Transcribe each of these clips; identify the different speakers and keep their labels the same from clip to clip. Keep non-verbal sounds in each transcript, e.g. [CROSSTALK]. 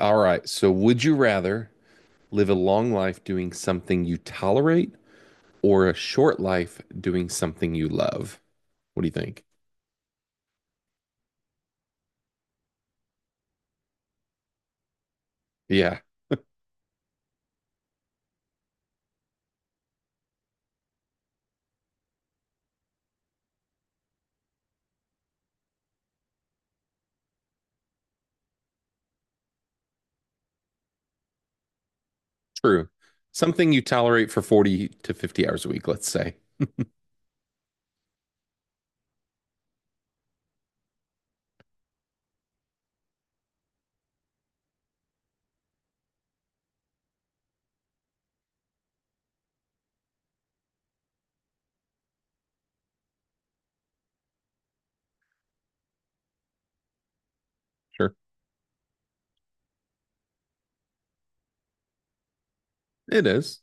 Speaker 1: All right. So, would you rather live a long life doing something you tolerate or a short life doing something you love? What do you think? Yeah, true. Something you tolerate for 40 to 50 hours a week, let's say. Sure. It is.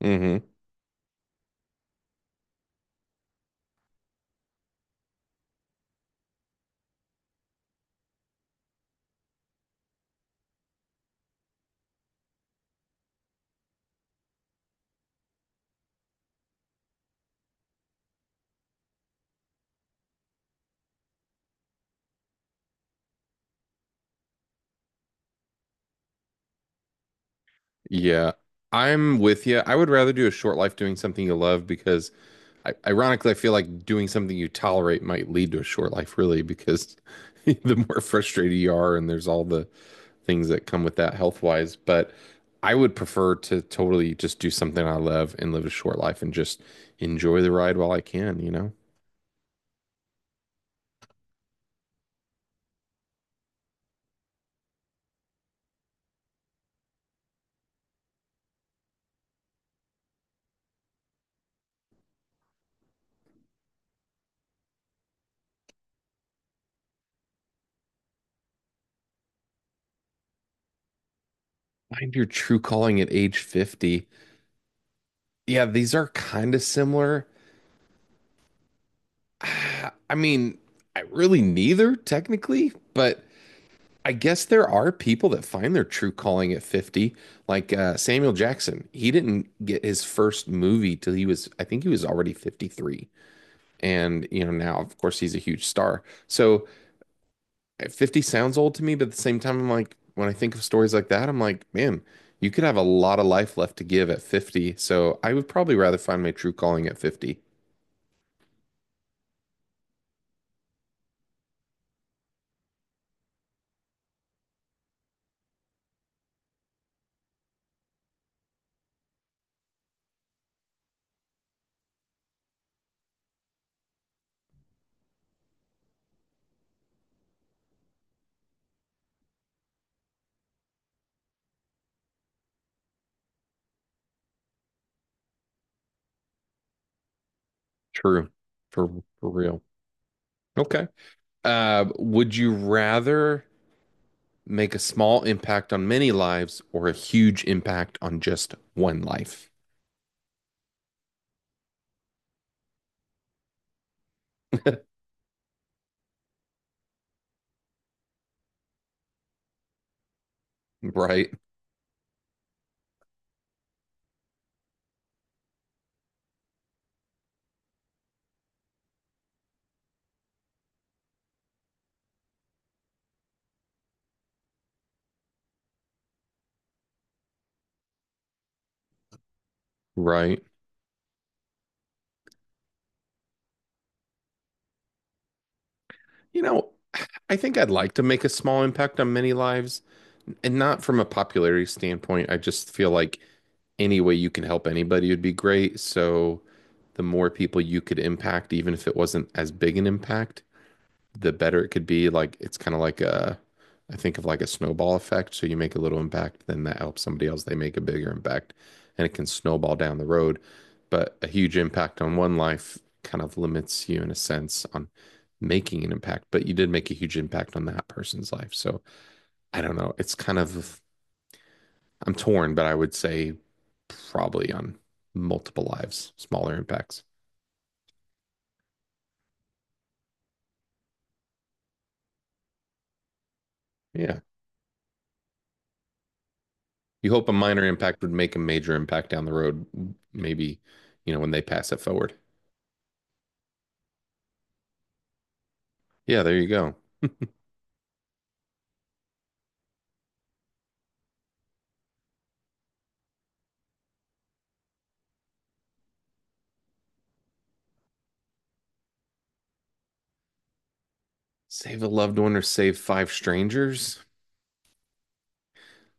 Speaker 1: Mm-hmm. Yeah, I'm with you. I would rather do a short life doing something you love because, I, ironically, I feel like doing something you tolerate might lead to a short life, really, because [LAUGHS] the more frustrated you are, and there's all the things that come with that health wise. But I would prefer to totally just do something I love and live a short life and just enjoy the ride while I can, you know? Find your true calling at age 50. Yeah, these are kind of similar. [SIGHS] I mean, I really neither technically, but. I guess there are people that find their true calling at 50, like Samuel Jackson. He didn't get his first movie till he was, I think he was already 53. And, you know, now, of course, he's a huge star. So 50 sounds old to me, but at the same time, I'm like, when I think of stories like that, I'm like, man, you could have a lot of life left to give at 50. So I would probably rather find my true calling at 50. True. For, for real. Okay. Would you rather make a small impact on many lives or a huge impact on just one life? [LAUGHS] Right. Right. You know, I think I'd like to make a small impact on many lives, and not from a popularity standpoint. I just feel like any way you can help anybody would be great. So the more people you could impact, even if it wasn't as big an impact, the better it could be. Like it's kind of like a, I think of like a snowball effect. So you make a little impact, then that helps somebody else. They make a bigger impact, and it can snowball down the road. But a huge impact on one life kind of limits you in a sense on making an impact. But you did make a huge impact on that person's life. So I don't know. It's kind of I'm torn, but I would say probably on multiple lives, smaller impacts. Yeah. You hope a minor impact would make a major impact down the road, maybe, you know, when they pass it forward. Yeah, there you go. Save a loved one or save five strangers.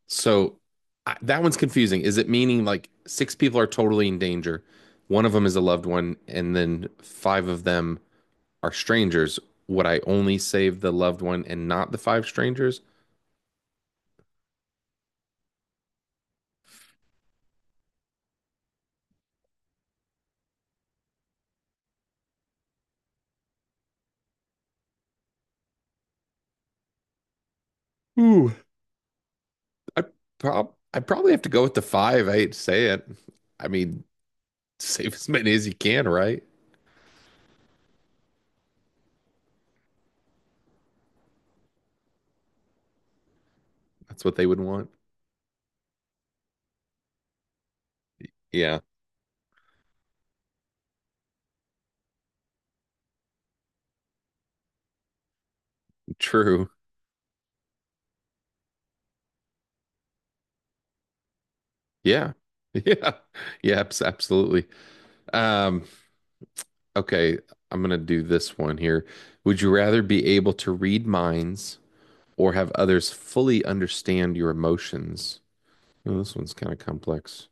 Speaker 1: So that one's confusing. Is it meaning like six people are totally in danger? One of them is a loved one, and then five of them are strangers. Would I only save the loved one and not the five strangers? Ooh, I I probably have to go with the five. I hate to say it. I mean, [LAUGHS] save as many as you can, right? That's what they would want. Yeah, true. Yeah. [LAUGHS] Yeah. Yeah, absolutely. Um, okay, I'm gonna do this one here. Would you rather be able to read minds or have others fully understand your emotions? Oh, this one's kind of complex.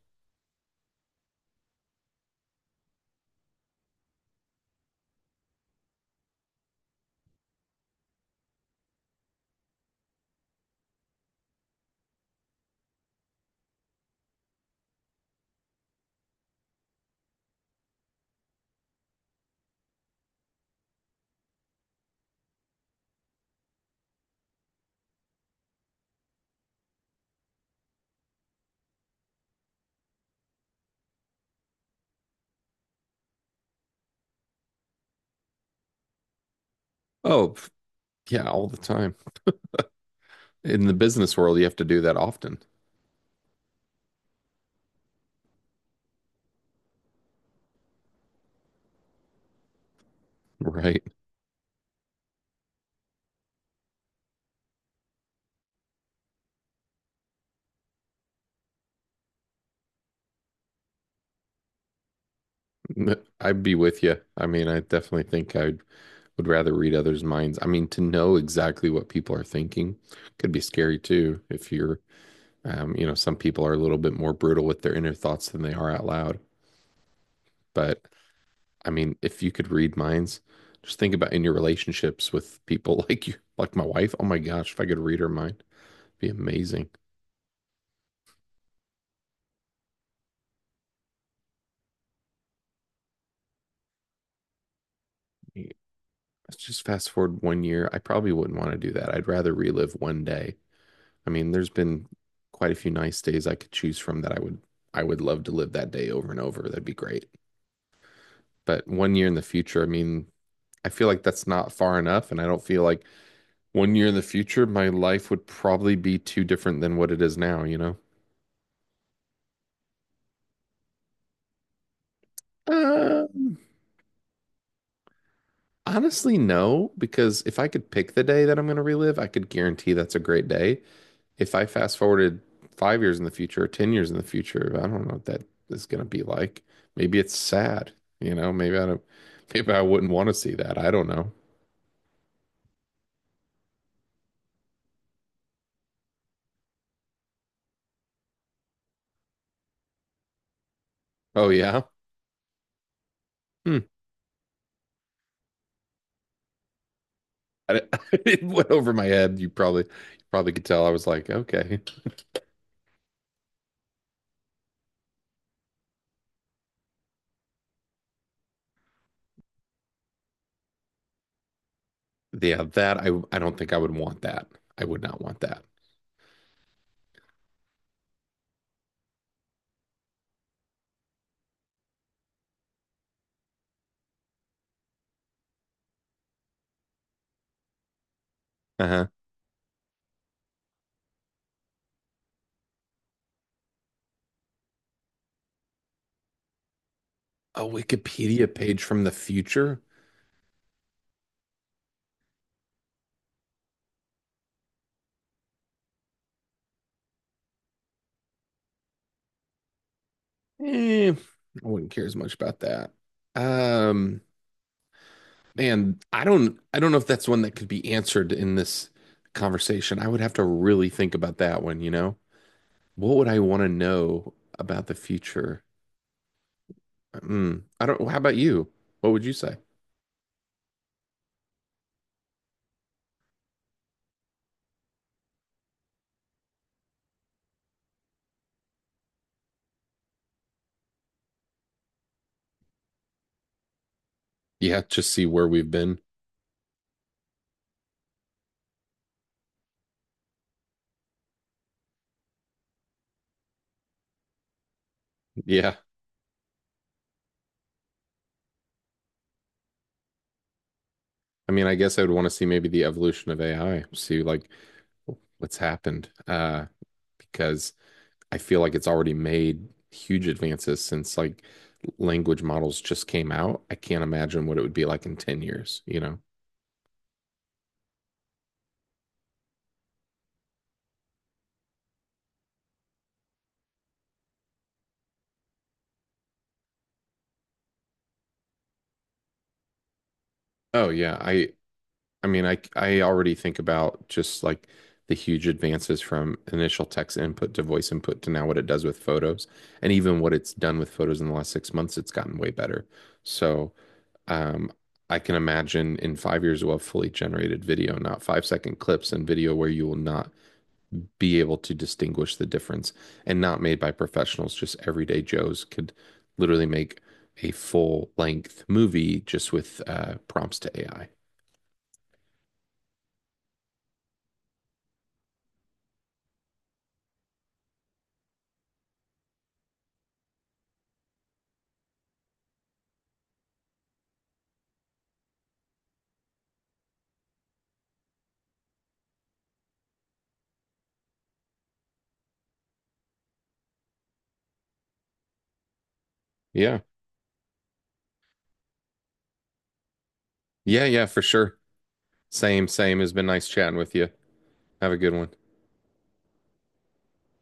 Speaker 1: Oh, pff, yeah, all the time. In the business world, you have to do that often, right? [LAUGHS] I'd be with you. I mean, I definitely think I would rather read others' minds. I mean, to know exactly what people are thinking could be scary too if you're. You know, some people are a little bit more brutal with their inner thoughts than they are out loud. But I mean, if you could read minds, just think about in your relationships with people [LAUGHS] like you, like my wife. Oh my gosh, if I could read her mind, it'd be amazing. Let's just fast forward 1 year. I probably wouldn't want to do that. I'd rather relive one day. I mean, there's been quite a few nice days I could choose from that I would love to live that day over and over. That'd be great. But 1 year in the future, I mean, I feel like that's not far enough, and I don't feel like 1 year in the future, my life would probably be too different than what it is now, you know? Um, honestly, no, because if I could pick the day that I'm going to relive, I could guarantee that's a great day. If I fast forwarded 5 years in the future or 10 years in the future, I don't know what that is going to be like. Maybe it's sad, you know? Maybe I wouldn't want to see that. I don't know. Oh, yeah. Hmm. [LAUGHS] I, it went over my head. You probably could tell. I was like, okay. Yeah, that I don't think I would want that. I would not want that. Uh-huh. A Wikipedia page from the future? Eh, I wouldn't care as much about that. Um, man, I don't know if that's one that could be answered in this conversation. I would have to really think about that one, you know? What would I want to know about the future? Mm, I don't, how about you? What would you say? Yeah, just see where we've been. Yeah. I mean, I guess I would want to see maybe the evolution of AI, see like what's happened. Because I feel like it's already made huge advances since like language models just came out. I can't imagine what it would be like in 10 years, you know? Oh yeah, I mean, I already think about just like the huge advances from initial text input to voice input to now what it does with photos, and even what it's done with photos in the last 6 months, it's gotten way better. So, um, I can imagine in 5 years we'll have fully generated video, not five second clips and video where you will not be able to distinguish the difference and not made by professionals, just everyday Joes could literally make a full length movie just with prompts to AI. Yeah. Yeah, yeah, for sure. Same, same. It's been nice chatting with you. Have a good one.